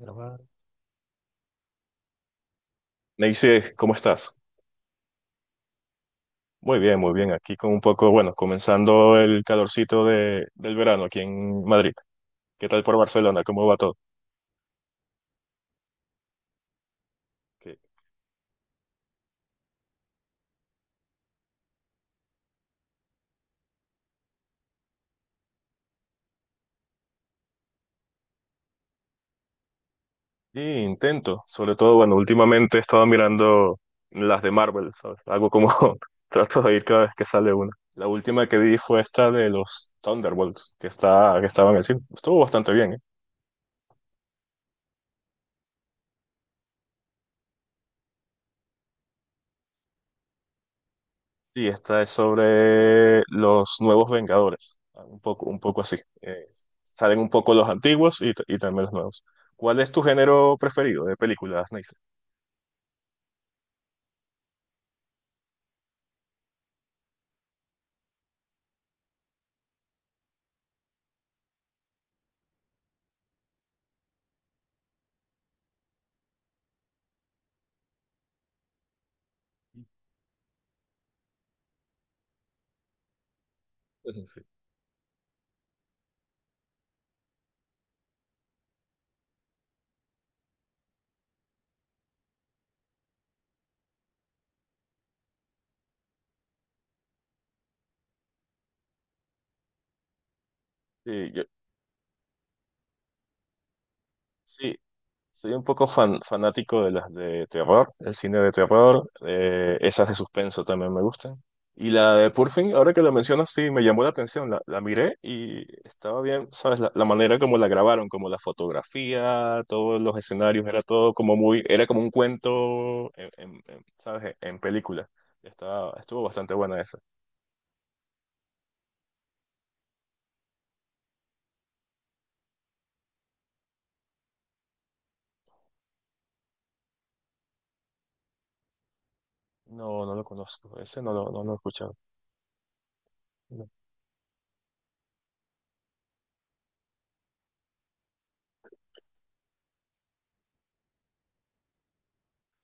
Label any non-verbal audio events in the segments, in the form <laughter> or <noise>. Grabar. Neisy, ¿cómo estás? Muy bien, muy bien. Aquí con un poco, bueno, comenzando el calorcito del verano aquí en Madrid. ¿Qué tal por Barcelona? ¿Cómo va todo? Que- Y intento, sobre todo, bueno, últimamente he estado mirando las de Marvel, ¿sabes? Algo como <laughs> trato de ir cada vez que sale una. La última que vi fue esta de los Thunderbolts, que estaba en el cine. Estuvo bastante bien. Sí, esta es sobre los nuevos Vengadores, ah, un poco así. Salen un poco los antiguos y también los nuevos. ¿Cuál es tu género preferido de películas, Neisa? <laughs> Sí. Sí, sí. Soy un poco fanático de las de terror, el cine de terror, esas de suspenso también me gustan. Y la de Purfing, ahora que lo mencionas, sí, me llamó la atención, la miré y estaba bien, ¿sabes? La manera como la grabaron, como la fotografía, todos los escenarios, era todo como muy, era como un cuento, en, ¿sabes? En película. Estaba, estuvo bastante buena esa. No, no lo conozco, ese no lo, no lo he escuchado. No.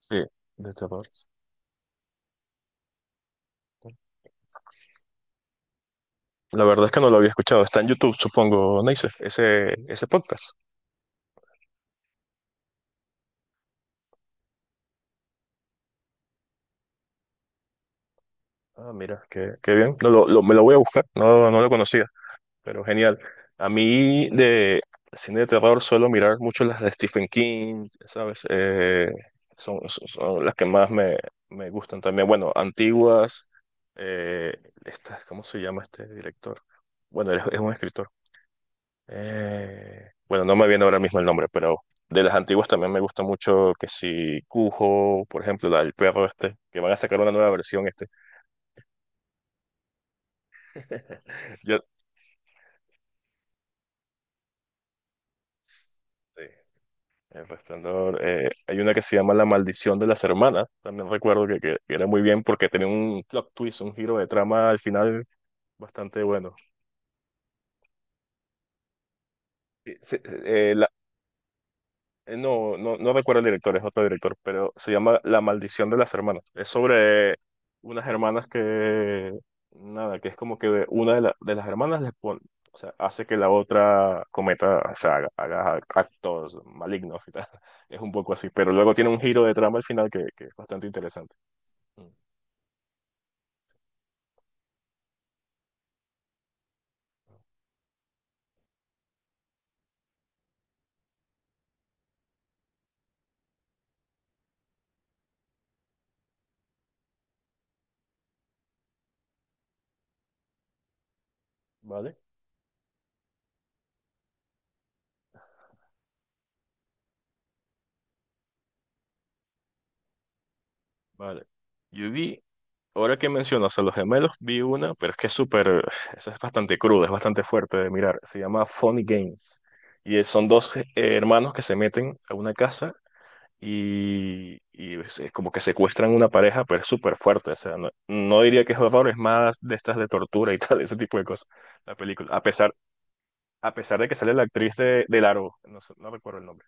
Sí, de terror. Sí. La verdad es que no lo había escuchado. Está en YouTube, supongo, Neisef, ese podcast. Ah, mira, qué, qué bien. No, me lo voy a buscar. No, no lo conocía, pero genial. A mí de cine de terror suelo mirar mucho las de Stephen King, ¿sabes? Son, son las que más me, me gustan también. Bueno, antiguas. Eh, ¿Cómo se llama este director? Bueno, es un escritor. Bueno, no me viene ahora mismo el nombre, pero de las antiguas también me gusta mucho que si Cujo, por ejemplo, la del perro este, que van a sacar una nueva versión este. <laughs> Yo, sí. El Resplandor. Hay una que se llama La Maldición de las Hermanas. También recuerdo que era muy bien porque tenía un plot twist, un giro de trama al final bastante bueno. Sí, sí, eh, No, no, no recuerdo el director, es otro director, pero se llama La Maldición de las Hermanas. Es sobre unas hermanas que, nada, que es como que una de las hermanas les pone, o sea, hace que la otra cometa, o sea, haga actos malignos y tal. <laughs> Es un poco así, pero luego tiene un giro de trama al final que es bastante interesante. Mm. ¿Vale? Vale. Yo vi Ahora que mencionas a los gemelos, vi una, pero es que es súper, esa es bastante cruda, es bastante fuerte de mirar. Se llama Funny Games. Son dos hermanos que se meten a una casa y es como que secuestran una pareja, pero es súper fuerte. O sea, no, no diría que es horror, es más de estas de tortura y tal, <laughs> ese tipo de cosas, la película. A pesar de que sale la actriz de Largo, no sé, no recuerdo el nombre.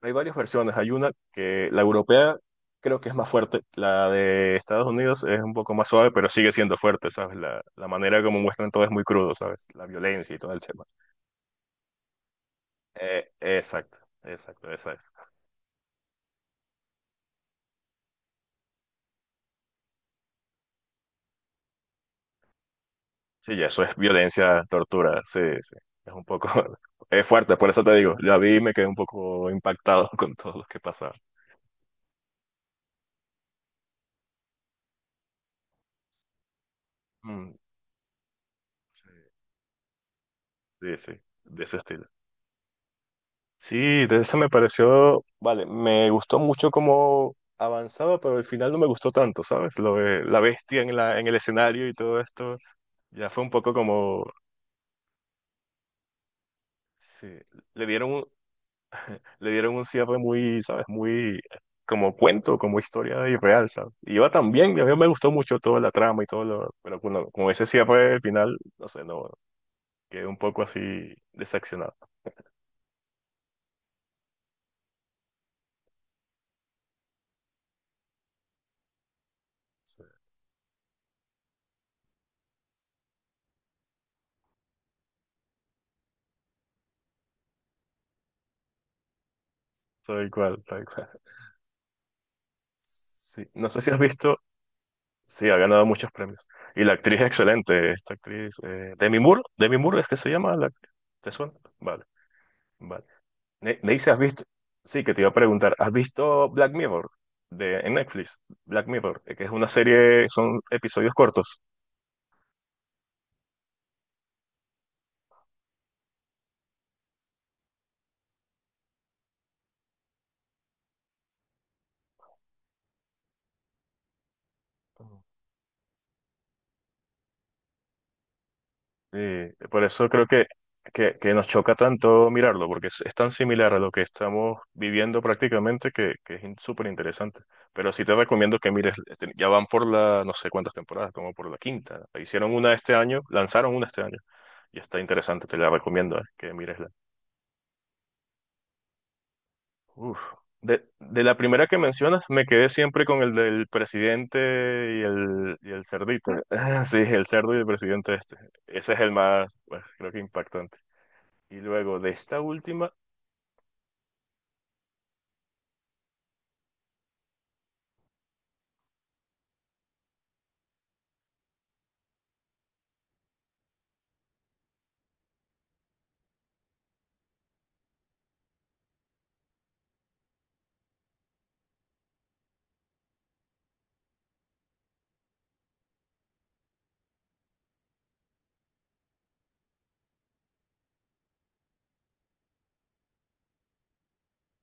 Hay varias versiones. Hay una que la europea creo que es más fuerte. La de Estados Unidos es un poco más suave, pero sigue siendo fuerte, ¿sabes? La manera como muestran todo es muy crudo, ¿sabes? La violencia y todo el tema. Exacto, exacto, esa es. Sí, ya eso es violencia, tortura. Sí, sí. Es un poco. <laughs> Es fuerte, por eso te digo. La vi y me quedé un poco impactado <laughs> con todo lo que pasaba. Mm, sí, sí, sí, de ese estilo. Sí, de esa me pareció, vale, me gustó mucho cómo avanzaba, pero al final no me gustó tanto, ¿sabes? Lo de la bestia en el escenario y todo esto, ya fue un poco como, sí, le dieron un, le dieron un cierre muy, ¿sabes? Muy como cuento, como historia irreal, ¿sabes? Y iba tan bien, a mí me gustó mucho toda la trama y todo lo, pero con ese cierre al final, no sé, no, quedé un poco así decepcionado. Sí. Tal cual, tal cual. Sí, no sé si has visto... Sí, ha ganado muchos premios. Y la actriz es excelente, esta actriz. Demi Moore, Demi Moore es que se llama la actriz. ¿Te suena? Vale, vale. Neise, ¿has visto? Sí, que te iba a preguntar, ¿has visto Black Mirror de, en Netflix? Black Mirror, que es una serie, son episodios cortos. Sí, por eso creo que nos choca tanto mirarlo, porque es tan similar a lo que estamos viviendo prácticamente que es súper interesante. Pero sí te recomiendo que mires, este, ya van por la, no sé cuántas temporadas, como por la quinta. Hicieron una este año, lanzaron una este año, y está interesante, te la recomiendo, que miresla. Uf. De la primera que mencionas, me quedé siempre con el del presidente y el cerdito. <laughs> Sí, el cerdo y el presidente este. Ese es el más, pues, creo que impactante. Y luego de esta última,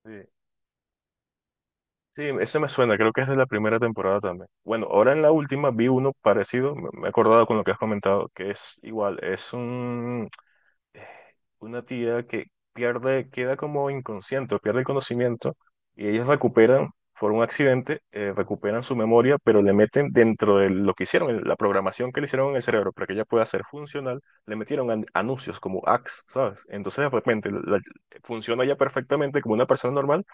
sí. Sí, ese me suena, creo que es de la primera temporada también. Bueno, ahora en la última vi uno parecido, me he acordado con lo que has comentado, que es igual, es un, eh, una tía que pierde, queda como inconsciente, pierde el conocimiento y ellos recuperan, por un accidente, recuperan su memoria, pero le meten dentro de lo que hicieron, la programación que le hicieron en el cerebro para que ella pueda ser funcional, le metieron anuncios como ads, ¿sabes? Entonces de repente funciona ya perfectamente como una persona normal,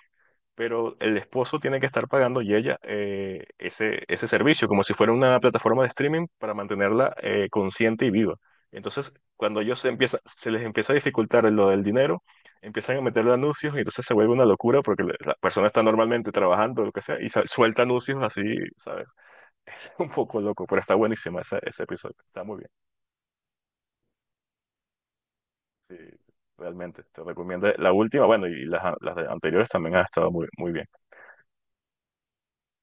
pero el esposo tiene que estar pagando y ella ese, ese servicio, como si fuera una plataforma de streaming para mantenerla consciente y viva. Entonces, cuando empieza, se les empieza a dificultar lo del dinero, empiezan a meterle anuncios y entonces se vuelve una locura porque la persona está normalmente trabajando, o lo que sea, y suelta anuncios así, ¿sabes? <laughs> Es un poco loco, pero está buenísima ese, ese episodio, está muy bien. Sí, realmente, te recomiendo la última, bueno, y las anteriores también han estado muy, muy bien.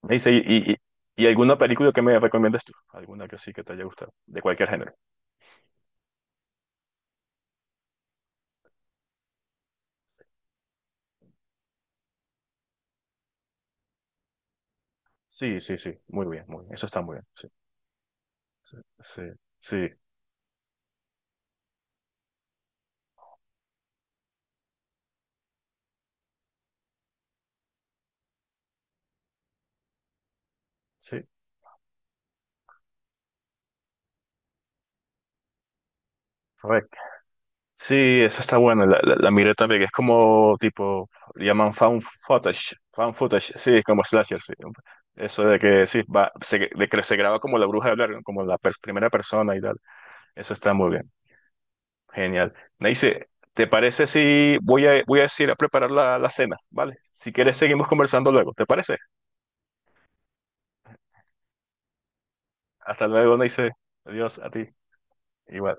Me dice, y ¿alguna película que me recomiendas tú? ¿Alguna que sí que te haya gustado? De cualquier género. Sí, sí, sí. Muy bien, muy bien. Eso está muy bien. Sí, sí, sí, sí. Sí. Correcto. Sí, esa está buena. La miré también, que es como tipo, le llaman found footage. Found footage. Sí, como slasher, sí. Eso de que sí, va, de que se graba como la bruja de hablar, como la primera persona y tal. Eso está muy bien. Genial. Neice, ¿te parece si voy a ir a preparar la, la cena, ¿vale? Si quieres, seguimos conversando luego, ¿te parece? Hasta luego, Neice. Adiós a ti. Igual.